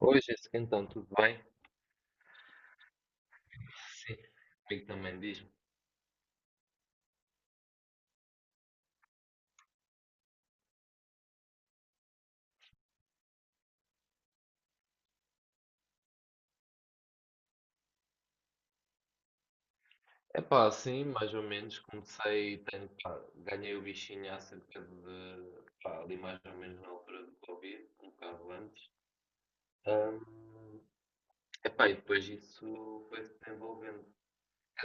Oi, Jéssica, então, tudo bem? Sim, comigo também, diz-me. Epá, sim, mais ou menos, comecei, tenho, pá, ganhei o bichinho há cerca de, pá, ali mais ou menos na altura do Covid, um bocado antes. Ahm, epá, e depois isso foi se desenvolvendo.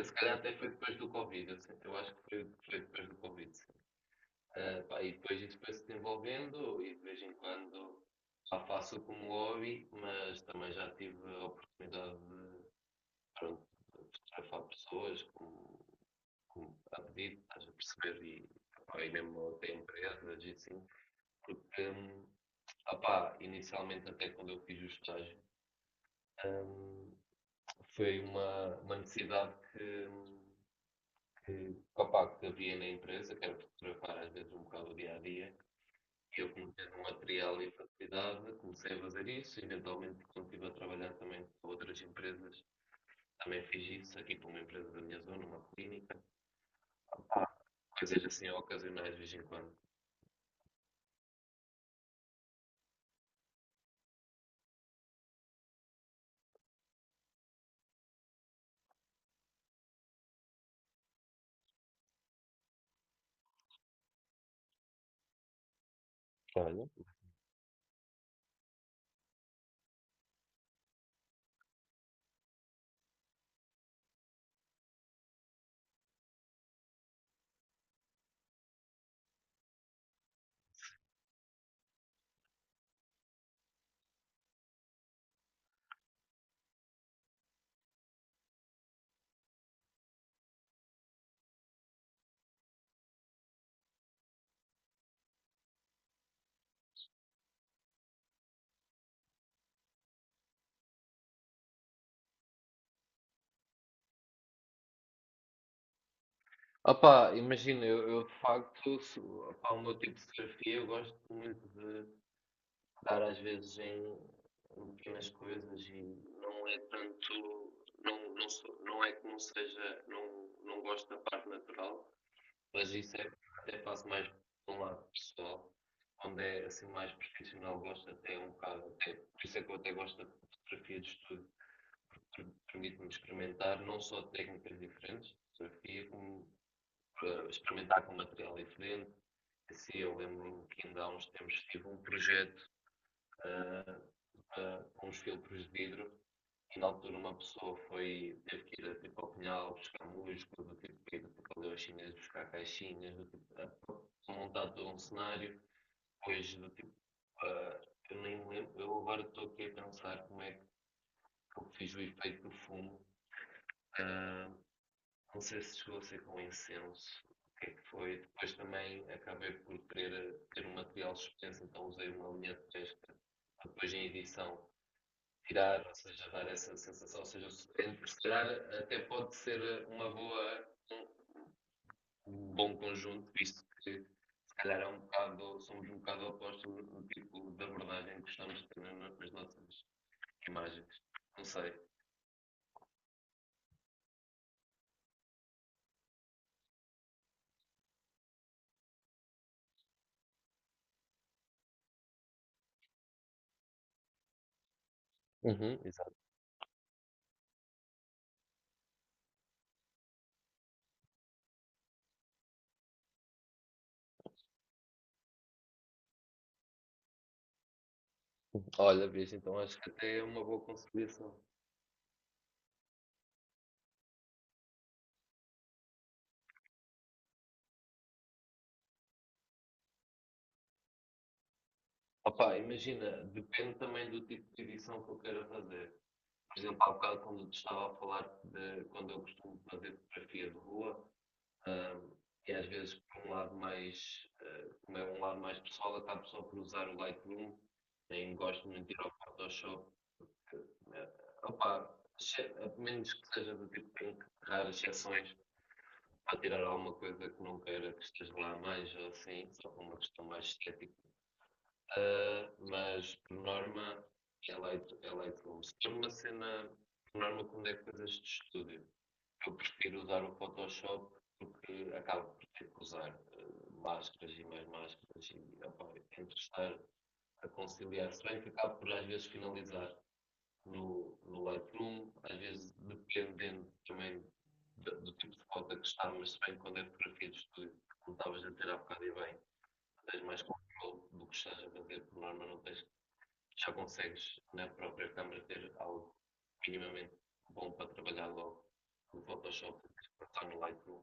Se calhar até foi depois do Covid, eu, sei- eu acho que foi, foi depois do Covid, sim. Ah, pá, e depois isso foi se desenvolvendo e de vez em quando já faço como hobby, mas também já tive a oportunidade, pronto, fotografar pessoas com a pedido, estás a perceber, e, epá, e mesmo até empresas e assim, porque, opá, inicialmente até quando eu fiz o estágio, hum, foi uma necessidade que, opá, que havia na empresa, que era fotografar às vezes um bocado o dia a dia, e eu comecei um material e facilidade, comecei a fazer isso, eventualmente quando estive a trabalhar também para outras empresas, também fiz isso aqui para uma empresa da minha zona, uma clínica. Há coisas assim ocasionais de vez em quando. Olha. Opá, imagina, eu de facto, se- opá, o meu tipo de fotografia, eu gosto muito de dar às vezes em, em pequenas coisas e não é tanto, não, não, sou- não é que não seja, não, não gosto da parte natural, mas isso é, até faço mais de um lado pessoal, quando é assim mais profissional gosto até um bocado, até, por isso é que eu até gosto da fotografia de estúdio, permite-nos experimentar não só técnicas diferentes de fotografia, como experimentar com material diferente. Assim, eu lembro-me que ainda há uns tempos tive um projeto, eh, para- com uns filtros de vidro e na altura uma pessoa foi, teve que ir tipo, ao Pinhal buscar músculos, do tipo que ir para ali aos chineses buscar caixinhas, do tipo, montar todo um cenário, depois do tipo, eh, eu nem me lembro, eu agora estou aqui a pensar como é que eu fiz o efeito do fumo. ah, Não sei se chegou a ser com incenso, o que é que foi. Depois também acabei por querer ter um material suspenso, então usei uma linha de pesca para depois em edição tirar, ou seja, dar essa sensação. Ou seja, se calhar até pode ser uma boa, um um bom conjunto, visto que se calhar é um bocado, somos um bocado opostos no tipo de abordagem que estamos tendo nas nossas imagens. Não sei. Uhum, exato. Olha, bicho, então acho que até é uma boa conciliação. Opa, imagina, depende também do tipo de edição que eu queira fazer. Por exemplo, há bocado quando te estava a falar de quando eu costumo fazer fotografia de rua, ahm, e às vezes por um lado mais, ah, como é um lado mais pessoal, acabo só por usar o Lightroom, nem gosto muito de ir ao Photoshop. Eh, Opa, exce- a menos que seja do tipo que tenho que tirar as exceções para tirar alguma coisa que não queira que esteja lá mais ou assim, só por uma questão mais estética. Ah, mas, por norma, é leito como. Se for uma cena, por norma, quando é coisas de estúdio, eu prefiro usar o Photoshop porque acabo por ter que usar ah, máscaras e mais máscaras e opa, eu tento estar a conciliar. Se bem que acabo por, às vezes, finalizar no, no Lightroom, às vezes dependendo também da- do, tipo de foto que está, mas se bem que quando é fotografia de estúdio, como estavas a ter há bocado e bem, tens mais controle do que estás a fazer, por norma, não tens, já consegues na própria câmara ter algo minimamente bom para trabalhar logo no Photoshop, e passar no Lightroom.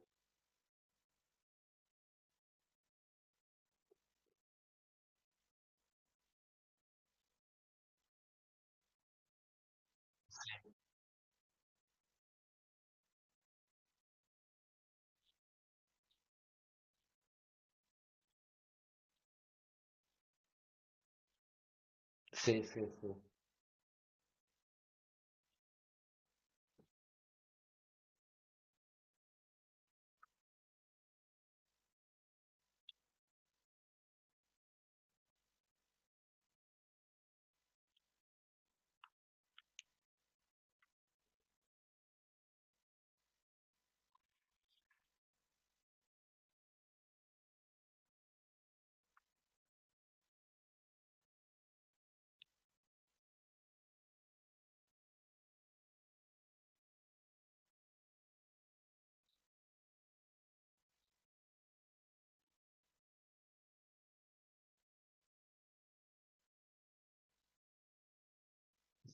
Sim, sim, sim.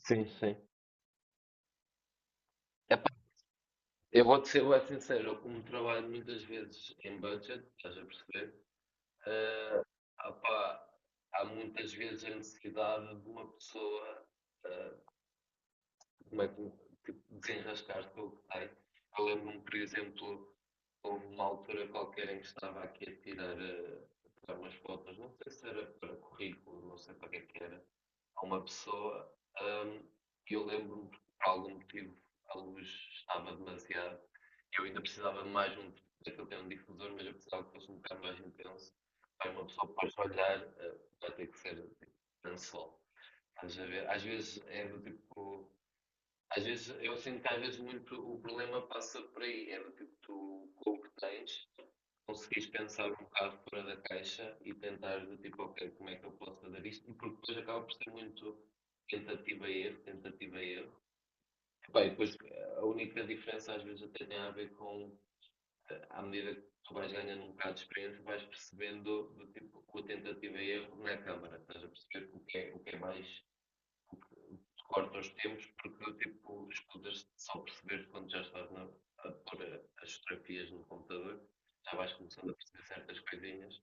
Sim, sim. Epá, eu vou-te ser bué sincero, eu como trabalho muitas vezes em budget, estás a perceber? Eh, opá, há muitas vezes a necessidade de uma pessoa, ah, como é que desenrascaste com o que tem. Eu lembro-me, por exemplo, houve uma altura qualquer em que estava aqui a tirar, eh, a tirar umas fotos, não sei se era para currículo, não sei para que é que era, a uma pessoa, ahm, e eu lembro-me que por algum motivo a luz estava demasiado, eu ainda precisava de mais um, eu tenho um difusor, mas eu precisava que fosse um bocado mais intenso, para uma pessoa depois olhar, vai ter que ser tipo, lençol. Estás a... Às vezes é do tipo, às vezes, eu sinto que às vezes muito o problema passa por aí, é do tipo, tu, com o que tens, conseguires pensar um bocado fora da caixa e tentar do tipo, ok, como é que eu posso fazer isto? Porque depois acaba por ser muito tentativa e erro, tentativa e erro. Bem, depois a única diferença às vezes até tem a ver com, à medida que tu vais ganhando um bocado de experiência, vais percebendo do tipo, que a tentativa e erro não é câmara, estás a perceber o que é mais, o corta os tempos, porque tipo, escutas só perceber quando já estás na, a pôr as fotografias no computador, já vais começando a perceber certas coisinhas.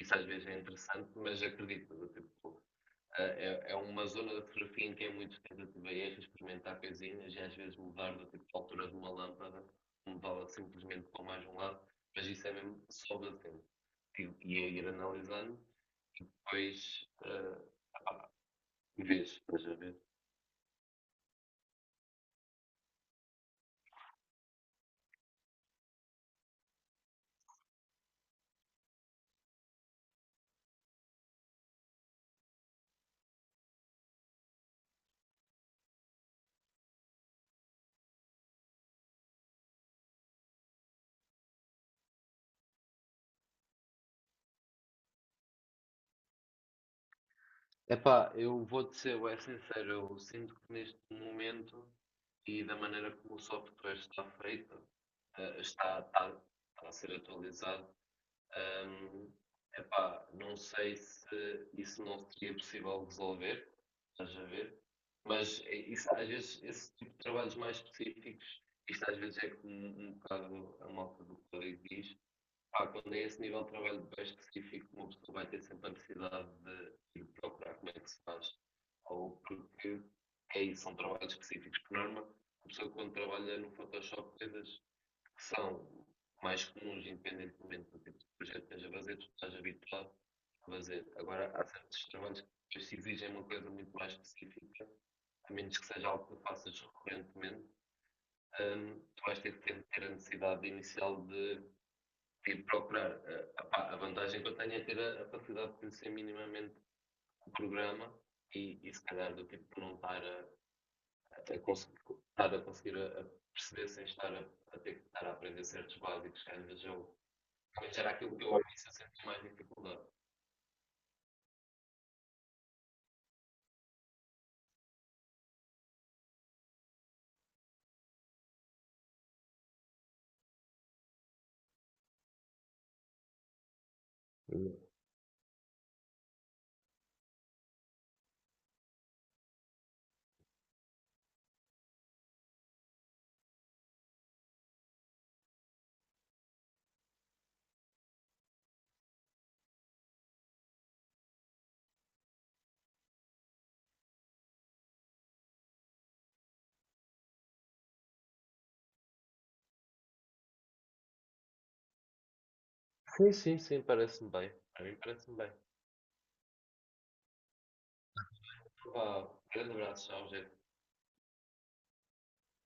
Isso às vezes é interessante, mas acredito, tipo, é, é uma zona da fotografia em que é muito tentativa e erro, experimentar coisinhas e às vezes mudar do tipo de altura de uma lâmpada, mudá-la simplesmente para mais um lado, mas isso é mesmo só batendo. E é ir analisando e depois pá, vês, estás a ver? Epá, eu vou-te ser bem sincero, eu sinto que neste momento e da maneira como o software está feito, está, está, está a ser atualizado, hum, epá, não sei se isso não seria possível resolver, estás a ver? Mas eh, isso, às vezes, esse tipo de trabalhos mais específicos, isto às vezes é como um bocado a malta do código diz, pá, quando é esse nível de trabalho bem específico, uma pessoa vai ter sempre a necessidade de ir procurar como é que se faz. Ou porque é isso, são trabalhos específicos. Por norma, a pessoa quando trabalha no Photoshop, coisas que são mais comuns, independentemente do tipo de projeto que esteja a fazer, tu estás habituado a fazer. Agora, há certos trabalhos que se exigem uma coisa muito mais específica, a menos que seja algo que faças recorrentemente, tu vais ter que ter a necessidade inicial de e procurar. Opá, a vantagem que eu tenho é ter a capacidade de conhecer minimamente o programa e se calhar do tipo de não estar a, conseguir, estar a conseguir a perceber sem estar a ter que estar a aprender certos básicos que às vezes eu. Mas era aquilo que eu ao início senti mais dificuldade. Sim, sim, sim, parece-me bem. A mim parece-me bem. Pá, grande abraço, tchau, gente.